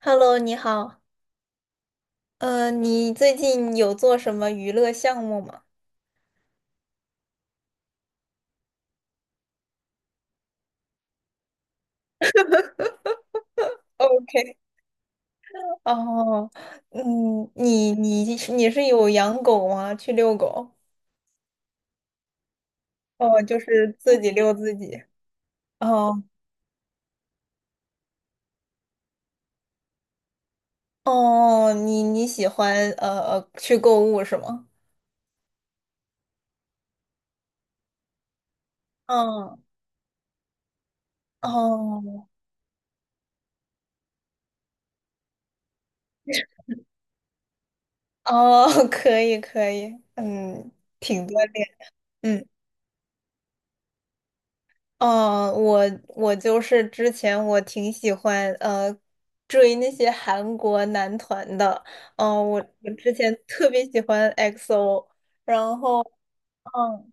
Hello，你好。你最近有做什么娱乐项目吗？OK，哦，嗯，你是有养狗吗？去遛狗？哦，就是自己遛自己。哦哦，你喜欢去购物是吗？嗯，哦哦，可以可以，嗯，挺锻炼。嗯。嗯，我就是之前我挺喜欢追那些韩国男团的，嗯、我之前特别喜欢 EXO，然后。嗯。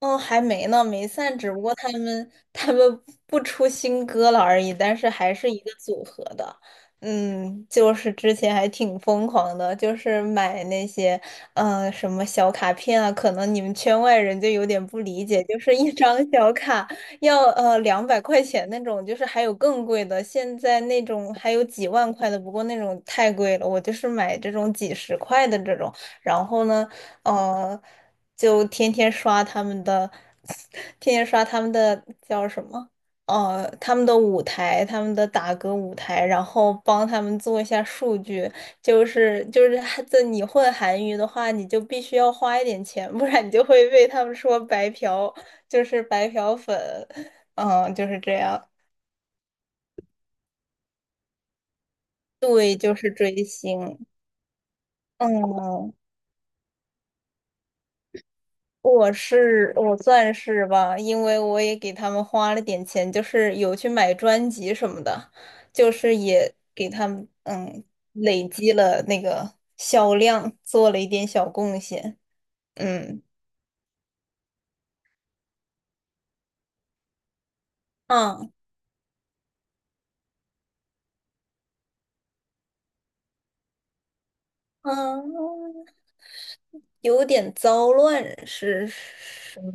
哦，还没呢，没散，只不过他们不出新歌了而已，但是还是一个组合的。嗯，就是之前还挺疯狂的，就是买那些什么小卡片啊，可能你们圈外人就有点不理解，就是一张小卡要200块钱那种，就是还有更贵的，现在那种还有几万块的，不过那种太贵了，我就是买这种几十块的这种。然后呢，呃，就天天刷他们的，天天刷他们的叫什么？他们的舞台，他们的打歌舞台，然后帮他们做一下数据。就是还，在你混韩娱的话，你就必须要花一点钱，不然你就会被他们说白嫖，就是白嫖粉。嗯，就是这样。对，就是追星。嗯。我算是吧，因为我也给他们花了点钱，就是有去买专辑什么的，就是也给他们累积了那个销量，做了一点小贡献。嗯，啊，嗯，有点糟乱是什么？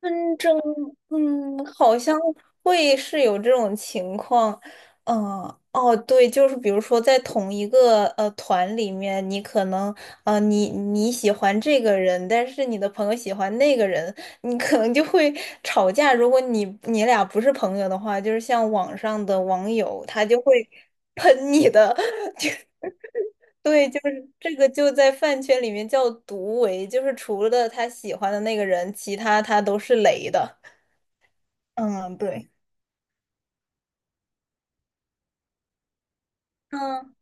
纷争，嗯，好像会是有这种情况，嗯、哦，对，就是比如说在同一个团里面，你可能你喜欢这个人，但是你的朋友喜欢那个人，你可能就会吵架。如果你俩不是朋友的话，就是像网上的网友，他就会 喷你的，就对，就是这个就在饭圈里面叫毒唯，就是除了他喜欢的那个人，其他他都是雷的。嗯，对，嗯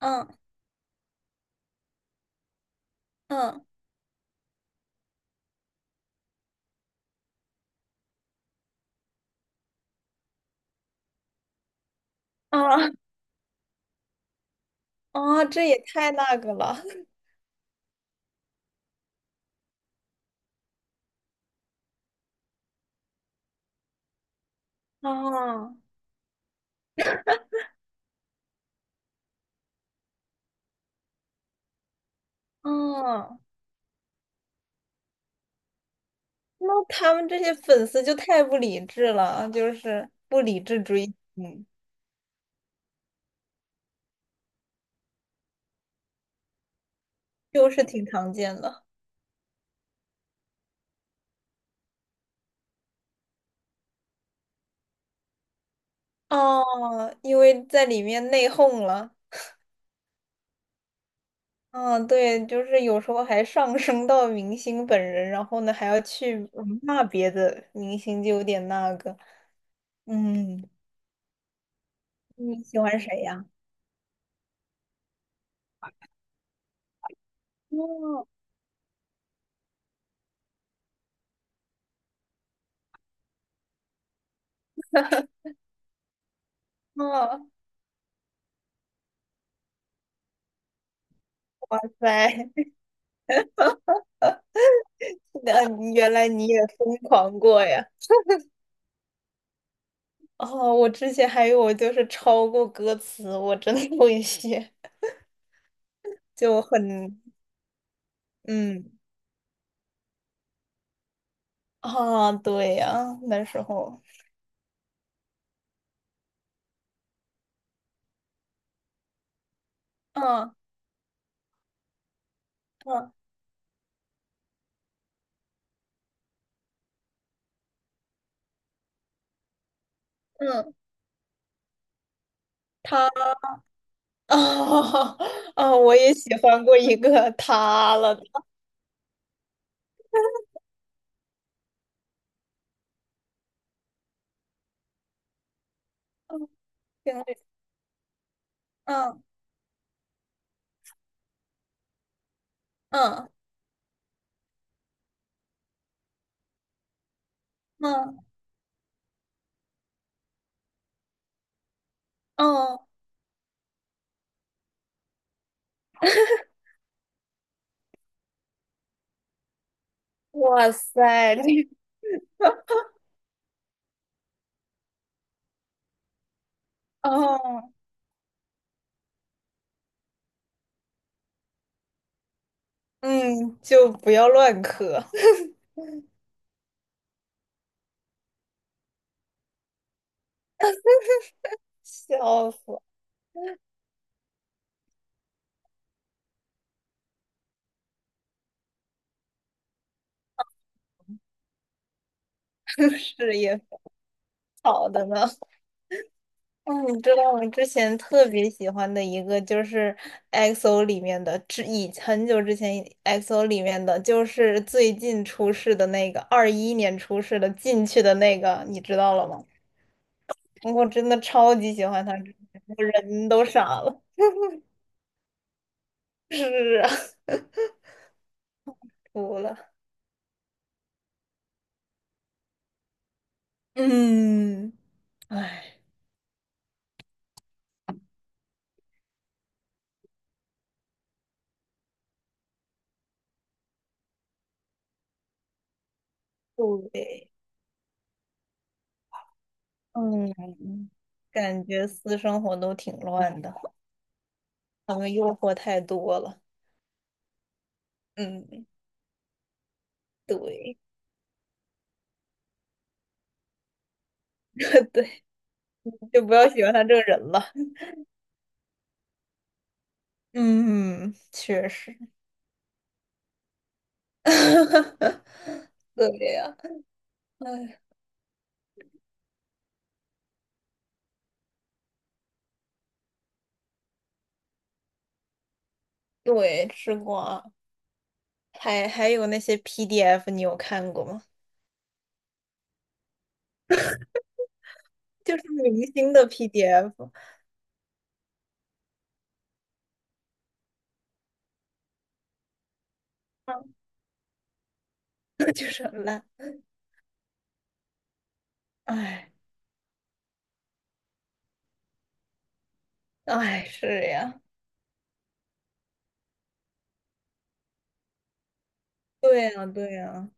嗯嗯啊啊，这也太那个了 啊啊！那他们这些粉丝就太不理智了，就是不理智追星，就是挺常见的哦 因为在里面内讧了。嗯，对，就是有时候还上升到明星本人，然后呢还要去骂别的明星，就有点那个。嗯，你喜欢谁呀？哦哦，拜拜。那你原来你也疯狂过呀？哦，我之前还有就是抄过歌词，我真的会写，就很嗯啊，对呀，那时候，嗯嗯嗯，他啊 啊，我也喜欢过一个他了，嗯，行嗯嗯嗯嗯，哇塞，这哦嗯，就不要乱磕，笑死，是也好的呢。嗯，你知道我之前特别喜欢的一个就是 EXO 里面的，之以很久之前 EXO 里面的，就是最近出世的那个，21年出世的进去的那个，你知道了吗？我真的超级喜欢他，我人都傻了。是啊，服了。嗯，唉，对，嗯，感觉私生活都挺乱的，他们诱惑太多了。嗯，对，对。就不要喜欢他这个人了。嗯，确实，对呀，哎，对，吃瓜，还有那些 PDF，你有看过吗？就是明星的 PDF，就是很烂。哎，哎，是呀，对呀，对呀，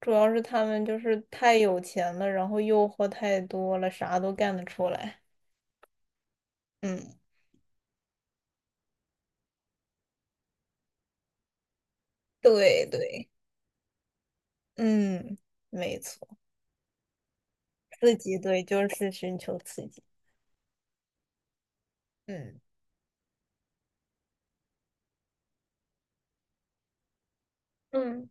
主要是他们就是太有钱了，然后诱惑太多了，啥都干得出来。嗯，对对，嗯，没错，刺激，对，就是寻求刺激。嗯。嗯，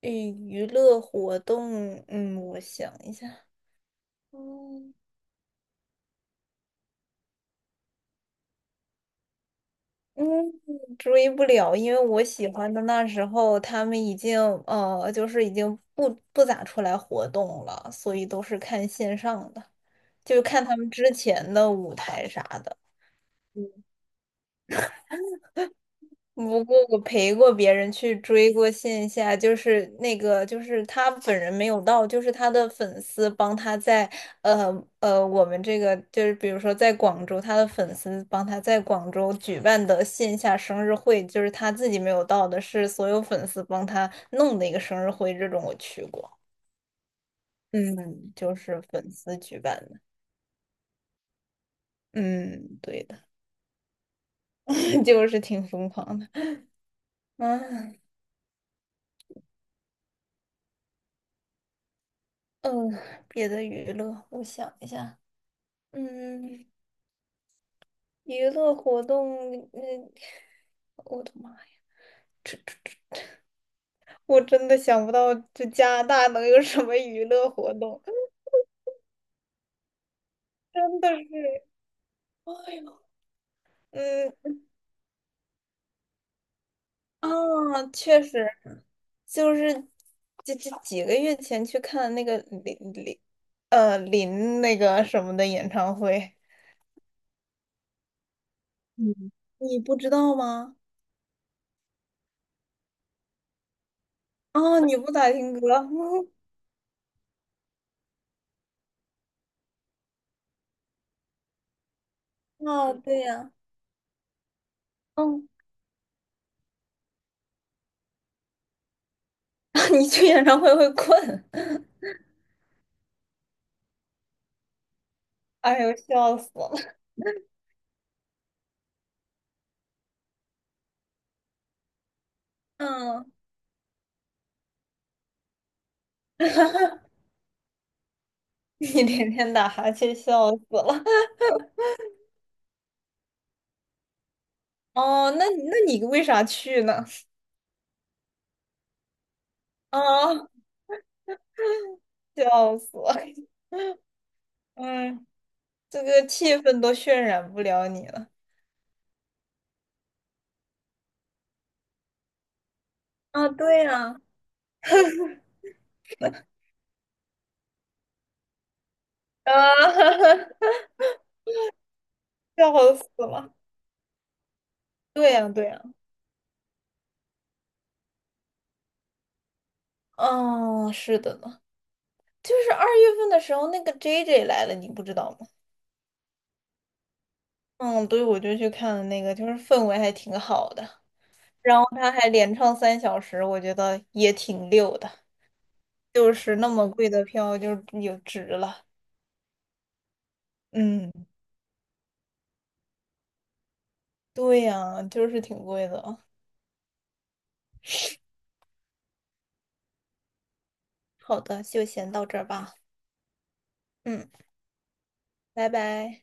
娱娱乐活动，嗯，我想一下，嗯嗯，追不了，因为我喜欢的那时候他们已经就是已经不咋出来活动了，所以都是看线上的，就看他们之前的舞台啥的。不过我陪过别人去追过线下，就是那个，就是他本人没有到，就是他的粉丝帮他在，我们这个就是比如说在广州，他的粉丝帮他在广州举办的线下生日会，就是他自己没有到的，是所有粉丝帮他弄的一个生日会，这种我去过，嗯，就是粉丝举办的，嗯，对的，就是挺疯狂的，嗯嗯，别的娱乐，我想一下。嗯，娱乐活动，嗯，我的妈呀，我真的想不到这加拿大能有什么娱乐活动，真的是，哎呦，嗯，啊，确实，就是这几个月前去看那个林，林那个什么的演唱会，嗯，你不知道吗？啊，你不咋听歌，啊，对呀，嗯，你去演唱会会困，哎呦，笑死了。嗯，你天天打哈欠，笑死了。哦，那你为啥去呢？啊、笑死了。嗯，这个气氛都渲染不了你了。啊，对呀、啊，笑死了。对呀、对呀、哦，是的呢，就是2月份的时候，那个 JJ 来了，你不知道吗？嗯，对，我就去看了那个，就是氛围还挺好的，然后他还连唱3小时，我觉得也挺溜的。就是那么贵的票就有值了。嗯，对呀，就是挺贵的。好的，就先到这儿吧。嗯，拜拜。